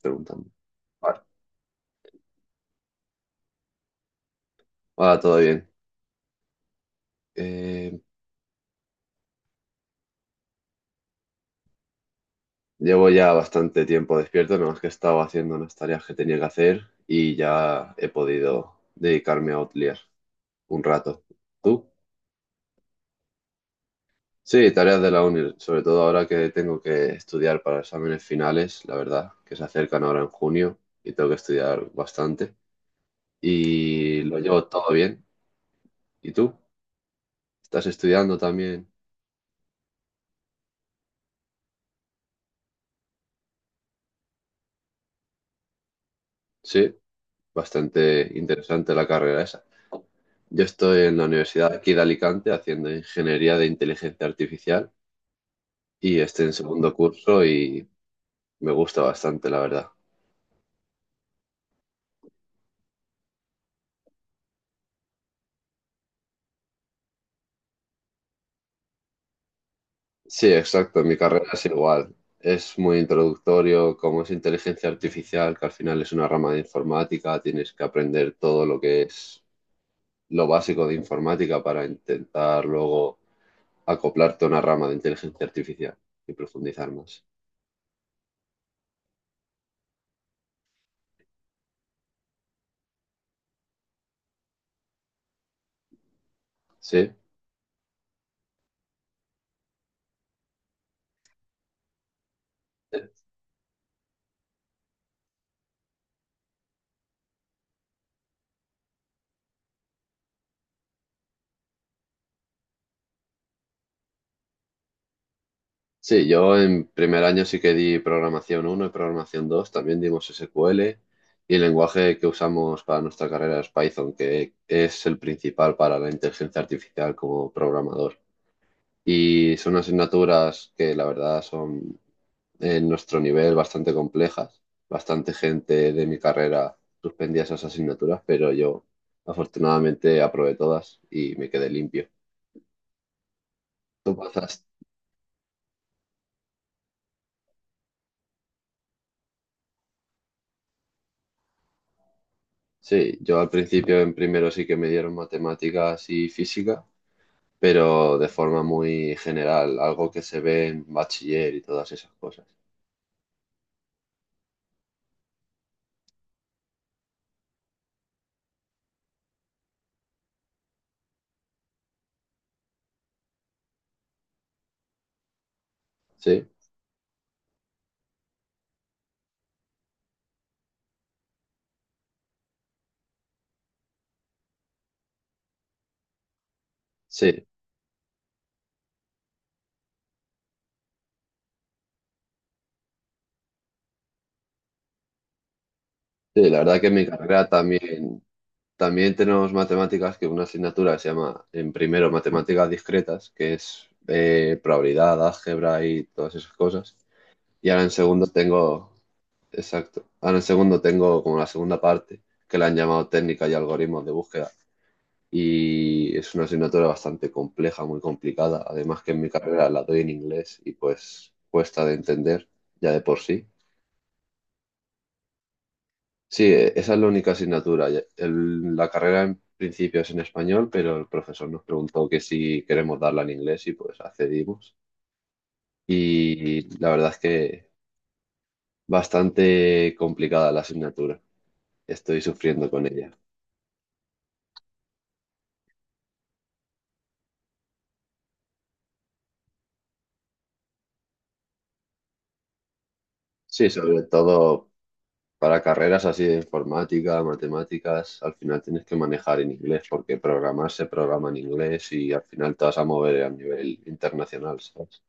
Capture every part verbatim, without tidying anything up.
Preguntando. Vale. Ahora todo bien. Eh, Llevo ya bastante tiempo despierto, nada más que he estado haciendo unas tareas que tenía que hacer y ya he podido dedicarme a Outlier un rato. ¿Tú? Sí, tareas de la uni, sobre todo ahora que tengo que estudiar para exámenes finales, la verdad, que se acercan ahora en junio y tengo que estudiar bastante. Y lo llevo todo bien. ¿Y tú? ¿Estás estudiando también? Sí, bastante interesante la carrera esa. Yo estoy en la Universidad aquí de Alicante haciendo Ingeniería de Inteligencia Artificial y estoy en segundo curso y me gusta bastante, la verdad. Sí, exacto, mi carrera es igual. Es muy introductorio, como es inteligencia artificial, que al final es una rama de informática, tienes que aprender todo lo que es lo básico de informática para intentar luego acoplarte a una rama de inteligencia artificial y profundizar más. ¿Sí? Sí, yo en primer año sí que di programación uno y programación dos. También dimos S Q L y el lenguaje que usamos para nuestra carrera es Python, que es el principal para la inteligencia artificial como programador. Y son asignaturas que la verdad son en nuestro nivel bastante complejas. Bastante gente de mi carrera suspendía esas asignaturas, pero yo afortunadamente aprobé todas y me quedé limpio. ¿Tú pasaste? Sí, yo al principio en primero sí que me dieron matemáticas y física, pero de forma muy general, algo que se ve en bachiller y todas esas cosas. Sí, sí, sí, la verdad que en mi carrera también, también tenemos matemáticas, que una asignatura que se llama en primero matemáticas discretas, que es eh, probabilidad, álgebra y todas esas cosas. Y ahora en segundo tengo, exacto, ahora en segundo tengo como la segunda parte, que la han llamado técnica y algoritmos de búsqueda y es una asignatura bastante compleja, muy complicada. Además que en mi carrera la doy en inglés y pues cuesta de entender ya de por sí. Sí, eh, esa es la única asignatura. Ya- el- la carrera en principio es en español, pero el profesor nos preguntó que si queremos darla en inglés y pues accedimos. Y la verdad es que bastante complicada la asignatura. Estoy sufriendo con ella. Sí, sobre todo para carreras así de informática, matemáticas, al final tienes que manejar en inglés porque programar se programa en inglés y al final te vas a mover a nivel internacional, ¿sabes?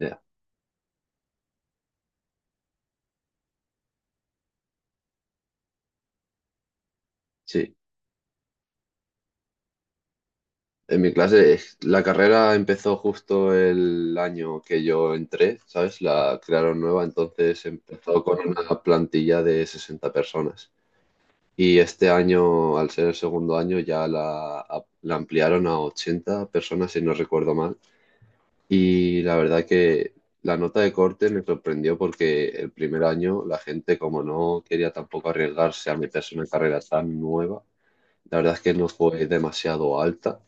Ya, sí, en mi clase es- la carrera empezó justo el año que yo entré, ¿sabes? La crearon nueva, entonces empezó con una plantilla de sesenta personas. Y este año, al ser el segundo año, ya la, la ampliaron a ochenta personas, si no recuerdo mal. Y la verdad que la nota de corte me sorprendió porque el primer año la gente, como no quería tampoco arriesgarse a meterse en una carrera tan nueva, la verdad es que no fue demasiado alta.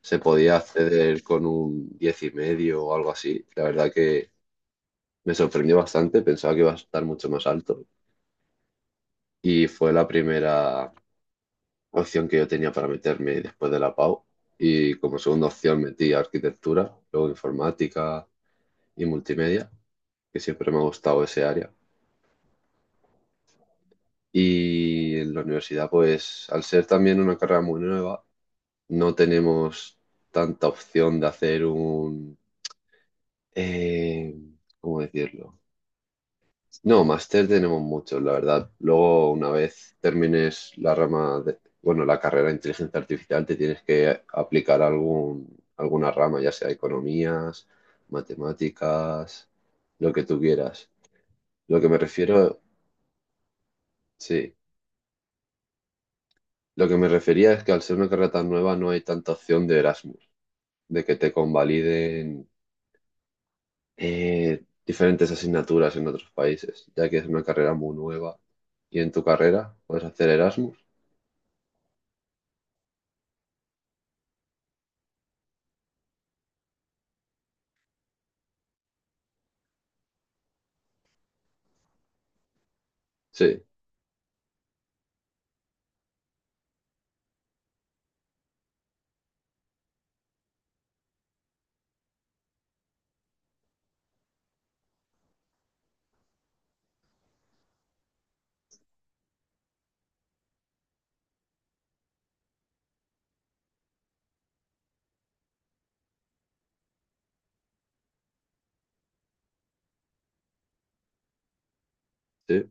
Se podía acceder con un diez y medio o algo así. La verdad que me sorprendió bastante, pensaba que iba a estar mucho más alto. Y fue la primera opción que yo tenía para meterme después de la P A U. Y como segunda opción metí arquitectura, luego informática y multimedia, que siempre me ha gustado ese área. Y en la universidad, pues al ser también una carrera muy nueva, no tenemos tanta opción de hacer un... eh, ¿cómo decirlo? No, máster tenemos muchos, la verdad. Luego, una vez termines la rama de, bueno, la carrera de inteligencia artificial, te tienes que aplicar algún, alguna rama, ya sea economías, matemáticas, lo que tú quieras. Lo que me refiero, sí, lo que me refería es que al ser una carrera tan nueva no hay tanta opción de Erasmus, de que te convaliden eh, diferentes asignaturas en otros países, ya que es una carrera muy nueva. ¿Y en tu carrera puedes hacer Erasmus? Sí, sí,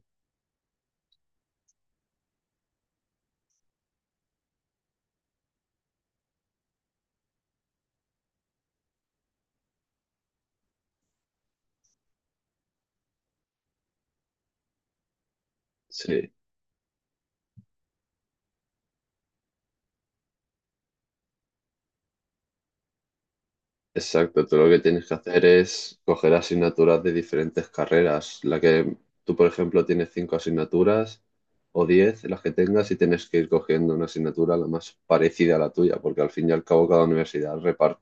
sí. Exacto, tú lo que tienes que hacer es coger asignaturas de diferentes carreras. La que tú, por ejemplo, tienes cinco asignaturas o diez, las que tengas, y tienes que ir cogiendo una asignatura la más parecida a la tuya, porque al fin y al cabo cada universidad reparte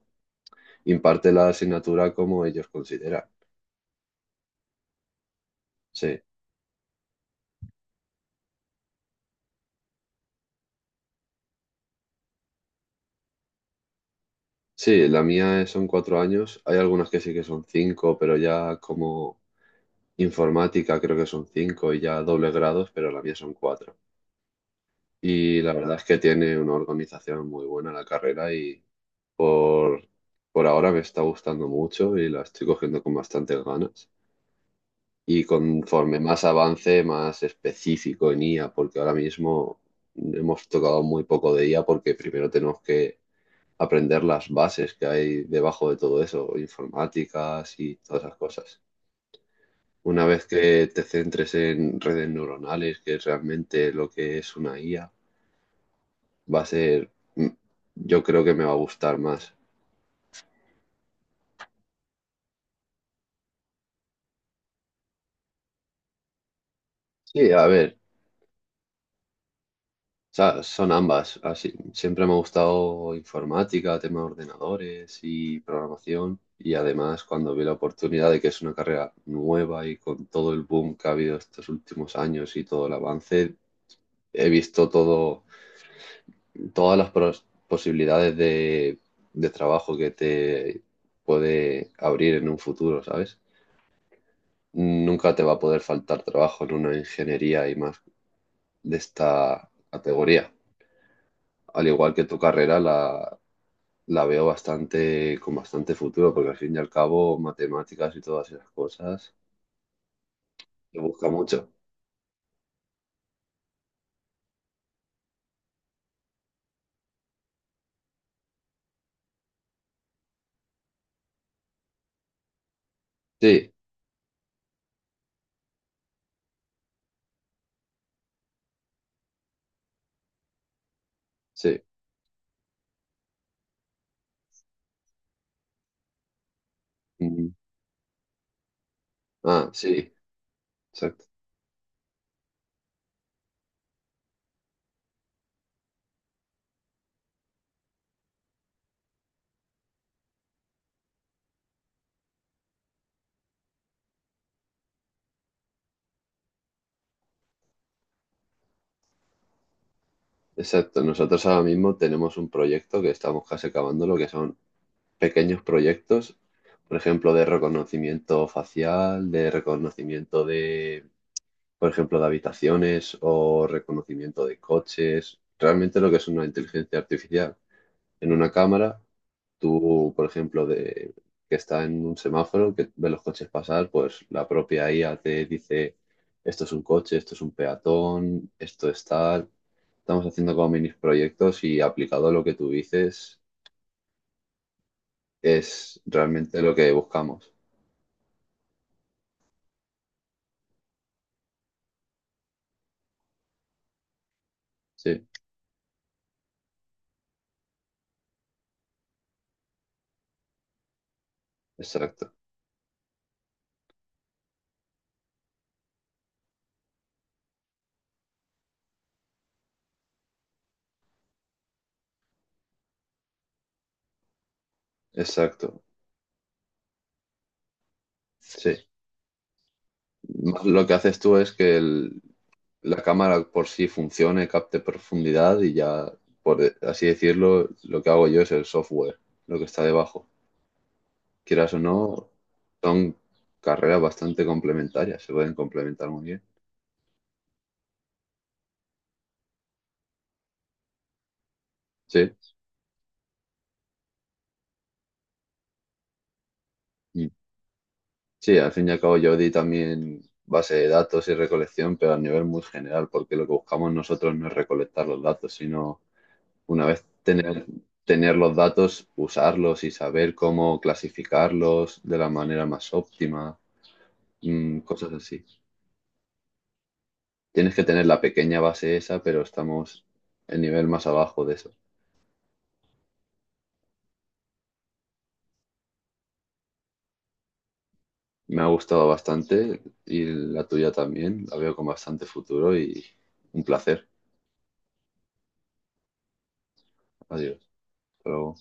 imparte la asignatura como ellos consideran. Sí, sí, la mía es- son cuatro años. Hay algunas que sí que son cinco, pero ya como informática creo que son cinco y ya doble grados, pero la mía son cuatro. Y la verdad es que tiene una organización muy buena la carrera y por, por ahora me está gustando mucho y la estoy cogiendo con bastantes ganas. Y conforme más avance, más específico en I A, porque ahora mismo hemos tocado muy poco de I A porque primero tenemos que aprender las bases que hay debajo de todo eso, informáticas y todas esas cosas. Una vez que te centres en redes neuronales, que es realmente lo que es una I A, va a ser, mm, yo creo que me va a gustar más. Sí, a ver, o sea, son ambas. Así, siempre me ha gustado informática, tema de ordenadores y programación. Y además, cuando vi la oportunidad de que es una carrera nueva y con todo el boom que ha habido estos últimos años y todo el avance, he visto todo, todas las pros- posibilidades de, de trabajo que te puede abrir en un futuro, ¿sabes? Nunca te va a poder faltar trabajo en una ingeniería y más de esta categoría. Al igual que tu carrera, la, la veo bastante, con bastante futuro, porque al fin y al cabo, matemáticas y todas esas cosas, se busca mucho. Sí, sí. Mm. Ah, sí, exacto. Exacto. Nosotros ahora mismo tenemos un proyecto que estamos casi acabando, lo que son pequeños proyectos, por ejemplo, de reconocimiento facial, de reconocimiento de, por ejemplo, de habitaciones o reconocimiento de coches. Realmente lo que es una inteligencia artificial. En una cámara, tú, por ejemplo, de, que está en un semáforo, que ve los coches pasar, pues la propia I A te dice, esto es un coche, esto es un peatón, esto es tal. Estamos haciendo como mini proyectos y aplicado a lo que tú dices es realmente lo que buscamos. Sí, exacto, exacto. Sí. Más. Lo que haces tú es que el- la cámara por sí funcione, capte profundidad y ya, por de- así decirlo, lo que hago yo es el software, lo que está debajo. Quieras o no, son carreras bastante complementarias, se pueden complementar muy bien. Sí. Mm. Sí, al fin y al cabo yo di también base de datos y recolección, pero a nivel muy general, porque lo que buscamos nosotros no es recolectar los datos, sino Una vez tener, tener los datos, usarlos y saber cómo clasificarlos de la manera más óptima, mm, cosas así. Tienes que tener la pequeña base esa, pero estamos el nivel más abajo de eso. Me ha gustado bastante y la tuya también. La veo con bastante futuro y un placer. Adiós. Hasta luego.